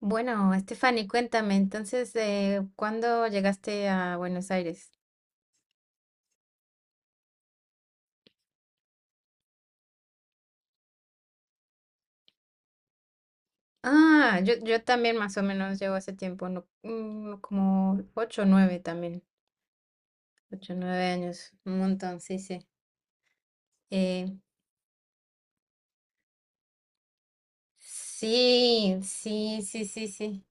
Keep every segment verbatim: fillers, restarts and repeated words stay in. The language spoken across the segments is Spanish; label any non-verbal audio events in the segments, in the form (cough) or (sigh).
Bueno, Stephanie, cuéntame, entonces, eh, ¿cuándo llegaste a Buenos Aires? Ah, yo, yo también más o menos llevo hace tiempo, no, mm, como ocho o nueve también, ocho o nueve años, un montón, sí, sí. Eh, sí, sí, sí, sí, sí.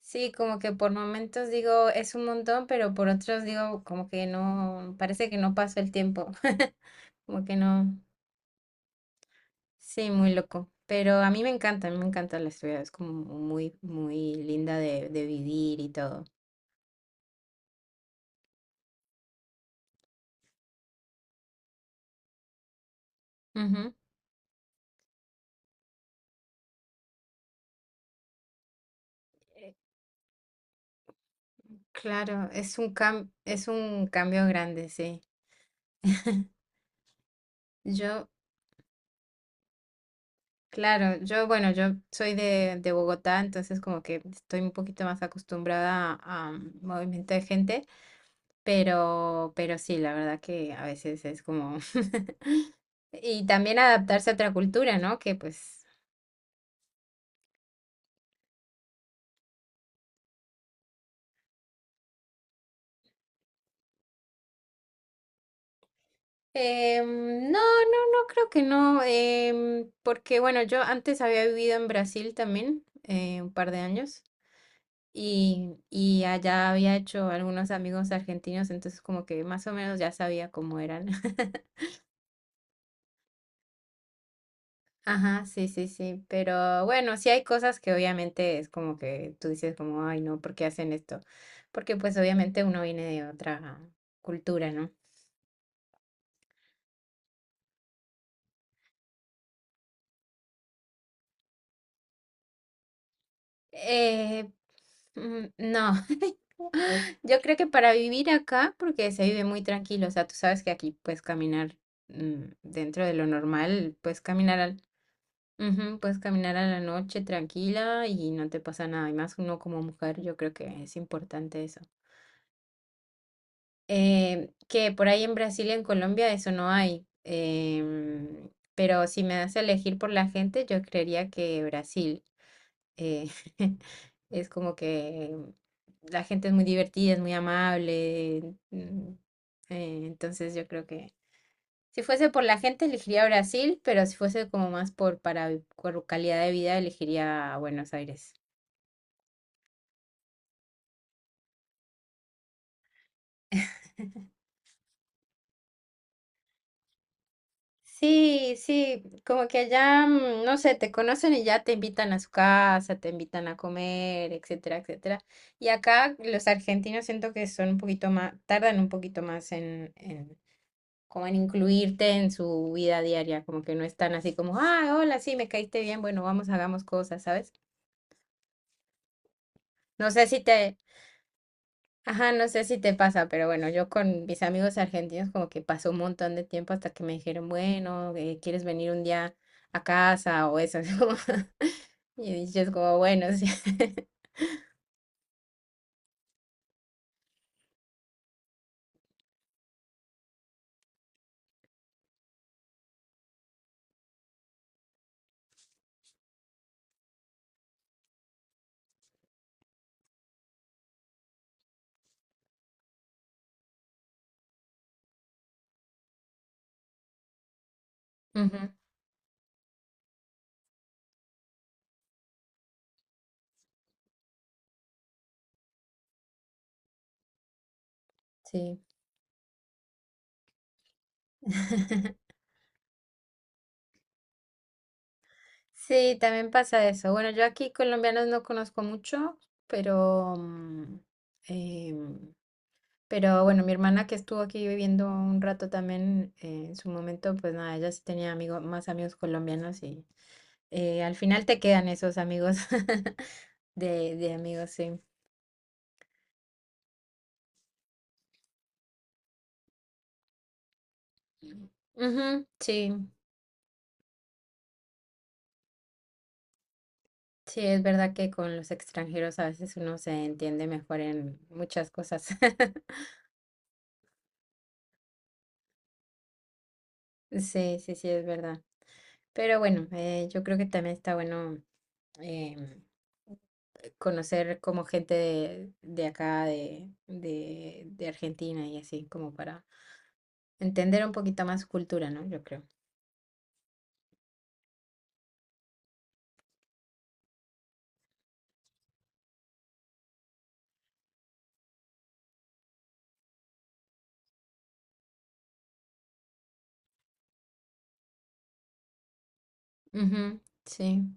Sí, como que por momentos digo es un montón, pero por otros digo como que no, parece que no pasó el tiempo, (laughs) como que no. Sí, muy loco. Pero a mí me encanta, a mí me encanta la ciudad. Es como muy, muy linda de, de vivir y todo. Ujú. Eh, Claro, es un cam- es un cambio grande, sí. (laughs) Yo, claro, yo, bueno, yo soy de, de Bogotá, entonces como que estoy un poquito más acostumbrada a, a movimiento de gente, pero, pero sí, la verdad que a veces es como... (laughs) Y también adaptarse a otra cultura, ¿no? Que pues Em, no, no, no creo que no, em, porque bueno, yo antes había vivido en Brasil también eh, un par de años y, y allá había hecho algunos amigos argentinos, entonces como que más o menos ya sabía cómo eran. (laughs) Ajá, sí, sí, sí, pero bueno, sí hay cosas que obviamente es como que tú dices como, ay, no, ¿por qué hacen esto? Porque pues obviamente uno viene de otra cultura, ¿no? Eh, mm, no. (laughs) Yo creo que para vivir acá, porque se vive muy tranquilo, o sea, tú sabes que aquí puedes caminar mm, dentro de lo normal, puedes caminar al, ujú, puedes caminar a la noche tranquila y no te pasa nada. Y más uno como mujer, yo creo que es importante eso. Eh, que por ahí en Brasil y en Colombia eso no hay. em, pero si me das a elegir por la gente, yo creería que Brasil eh, (laughs) es como que la gente es muy divertida, es muy amable. mm, eh, entonces yo creo que si fuese por la gente elegiría Brasil, pero si fuese como más por para vi- por calidad de vida elegiría Buenos Aires. Sí, sí, como que allá, mm, no sé, te conocen y ya te invitan a su casa, te invitan a comer, etcétera, etcétera. Y acá los argentinos siento que son un poquito más, tardan un poquito más en en como en incluirte en su vida diaria, como que no están así como, ah, hola, sí, me caíste bien, bueno, vamos, hagamos cosas, ¿sabes? No sé si te, ajá, no sé si te pasa, pero bueno, yo con mis amigos argentinos como que pasó un montón de tiempo hasta que me dijeron, bueno, eh, ¿quieres venir un día a casa o eso? (laughs) así como, y yo es como, bueno, sí. (laughs) Ujú, sí. (laughs) Sí, también pasa eso. Bueno, yo aquí colombianos no conozco mucho, pero... mm, em, pero bueno, mi hermana que estuvo aquí viviendo un rato también, eh, en su momento, pues nada, ella sí tenía amigos, más amigos colombianos y eh, al final te quedan esos amigos (laughs) de, de amigos, sí. Ujú, sí, sí, es verdad que con los extranjeros a veces uno se entiende mejor en muchas cosas. (laughs) Sí, sí, sí, es verdad. Pero bueno, eh, yo creo que también está bueno em, conocer como gente de, de acá, de, de, de Argentina y así, como para entender un poquito más su cultura, ¿no? Yo creo. Ujú, sí,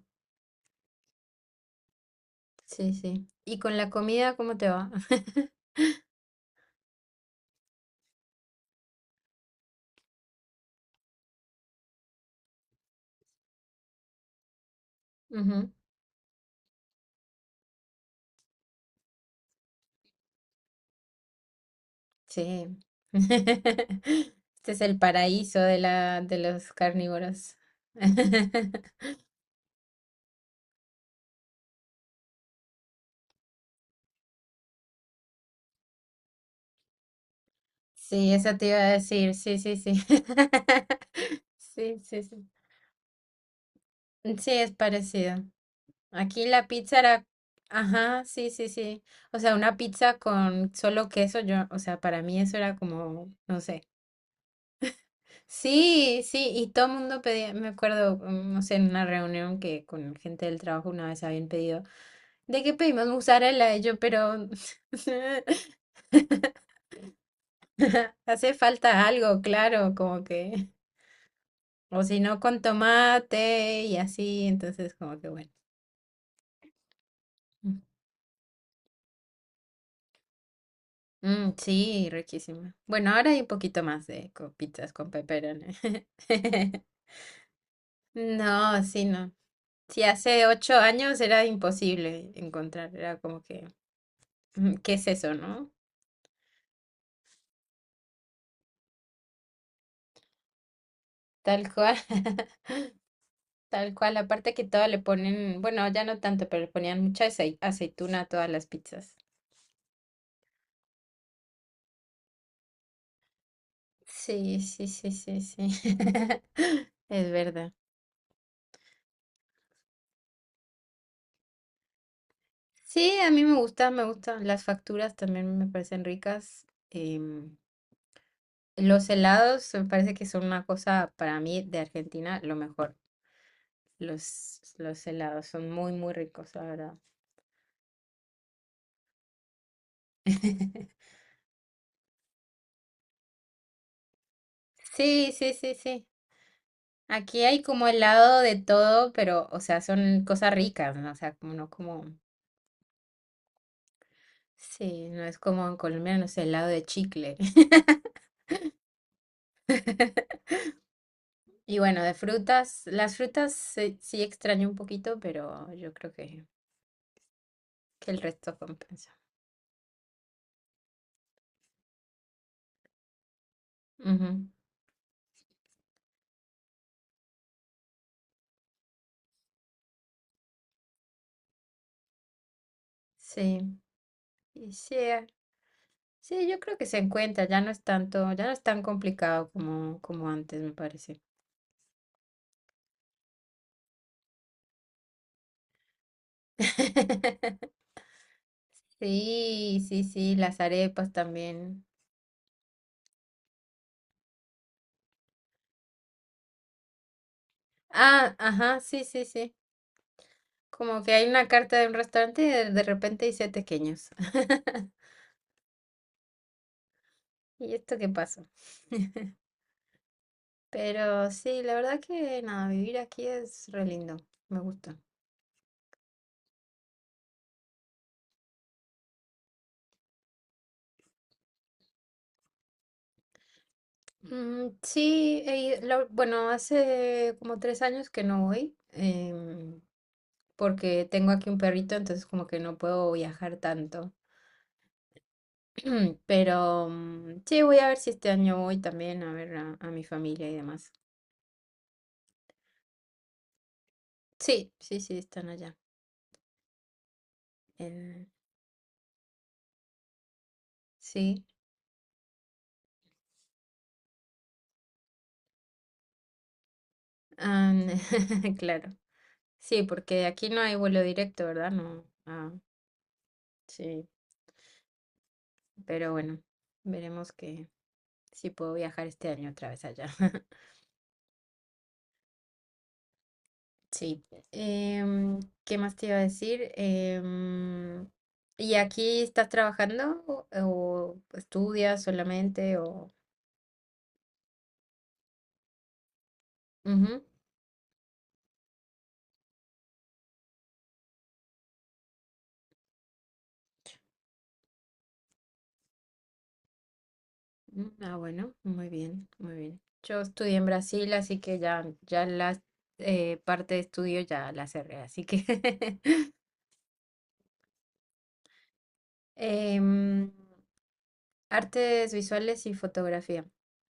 sí, sí. ¿Y con la comida, cómo te va? (laughs) Ujú, sí. (laughs) Este es el paraíso de la, de los carnívoros. (laughs) Sí, eso te iba a decir, sí, sí, sí. (laughs) Sí, sí, sí. Sí, es parecido. Aquí la pizza era, ajá, sí, sí, sí. O sea, una pizza con solo queso, yo, o sea, para mí eso era como, no sé. Sí, sí, y todo el mundo pedía, me acuerdo, mm, no sé, en una reunión que con gente del trabajo una vez habían pedido, ¿de qué pedimos mozzarella? Y yo, pero (laughs) hace falta algo, claro, como que, o si no, con tomate y así, entonces como que bueno. Mm, sí, riquísima. Bueno, ahora hay un poquito más de co- pizzas con pepperoni. (laughs) No, sí, no. Sí, hace ocho años era imposible encontrar, era como que, mm, ¿qué es eso, no? Tal cual, (laughs) tal cual. Aparte que todo le ponen, bueno, ya no tanto, pero le ponían mucha acei- aceituna a todas las pizzas. Sí, sí, sí, sí, sí. (laughs) Es verdad. Sí, a mí me gusta, me gustan. Las facturas también me parecen ricas. em, Los helados me parece que son una cosa para mí de Argentina lo mejor. Los, los helados son muy, muy ricos, la verdad. (laughs) Sí, sí, sí, sí. Aquí hay como helado de todo, pero, o sea, son cosas ricas, ¿no? O sea, como no como... Sí, no es como en Colombia, no sé, helado de chicle. (laughs) Y bueno, de frutas, las frutas sí, sí extraño un poquito, pero yo creo que, que el resto compensa. Ujú. Sí, y sí, sí, yo creo que se encuentra, ya no es tanto, ya no es tan complicado como, como antes, me parece. (laughs) Sí, sí, sí, las arepas también. Ah, ajá, sí, sí, sí. Como que hay una carta de un restaurante y de, de repente dice tequeños. (laughs) ¿Y esto qué pasó? (laughs) Pero sí, la verdad que nada, vivir aquí es re lindo, me gusta. Mm, sí, he ido- la- bueno, hace como tres años que no voy. em, porque tengo aquí un perrito, entonces como que no puedo viajar tanto. (clears throat) Pero mm, sí, voy a ver si este año voy también a ver a, a mi familia y demás. Sí, sí, sí, están allá. Eh, sí, ah, (laughs) claro. Sí, porque aquí no hay vuelo directo, ¿verdad? No. Ah, sí, pero bueno, veremos que si puedo viajar este año otra vez allá. (laughs) Sí. Em, ¿qué más te iba a decir? Em, ¿y aquí estás trabajando o, o estudias solamente o...? Ujú. Mm, ah, bueno, muy bien, muy bien. Yo estudié en Brasil, así que ya, ya la eh, parte de estudio ya la cerré, así que... (laughs) em, artes visuales y fotografía.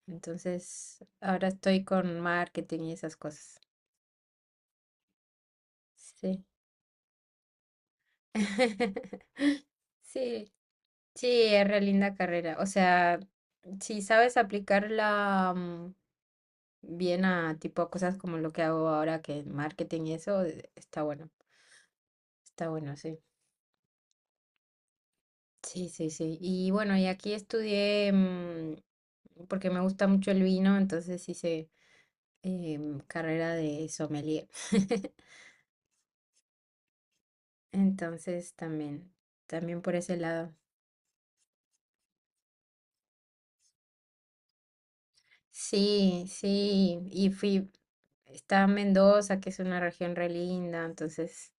Entonces, ahora estoy con marketing y esas cosas. Sí. (laughs) Sí. Sí, es re linda carrera. O sea, si sabes aplicarla mm, bien a tipo a cosas como lo que hago ahora, que es marketing y eso, eh, está bueno. Está bueno, sí. Sí, sí, sí. Y bueno, y aquí estudié mm, porque me gusta mucho el vino, entonces hice em, carrera de sommelier. (laughs) Entonces también, también por ese lado. Sí, sí. Y fui, está en Mendoza, que es una región re linda, entonces.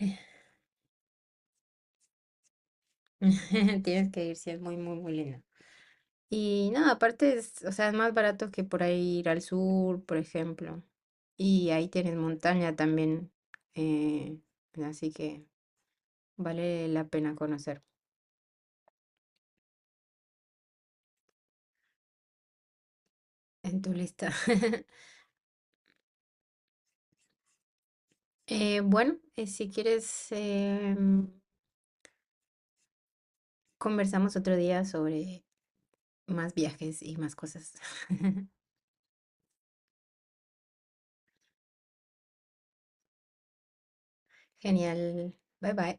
(laughs) (laughs) Tienes que ir, sí, es muy, muy, muy lindo. Y no, aparte es, o sea, es más barato que por ahí ir al sur, por ejemplo. Y ahí tienes montaña también. eh, así que vale la pena conocer en tu lista. (laughs) Eh, bueno, eh, si quieres, em, conversamos otro día sobre más viajes y más cosas. (laughs) Genial. Bye bye.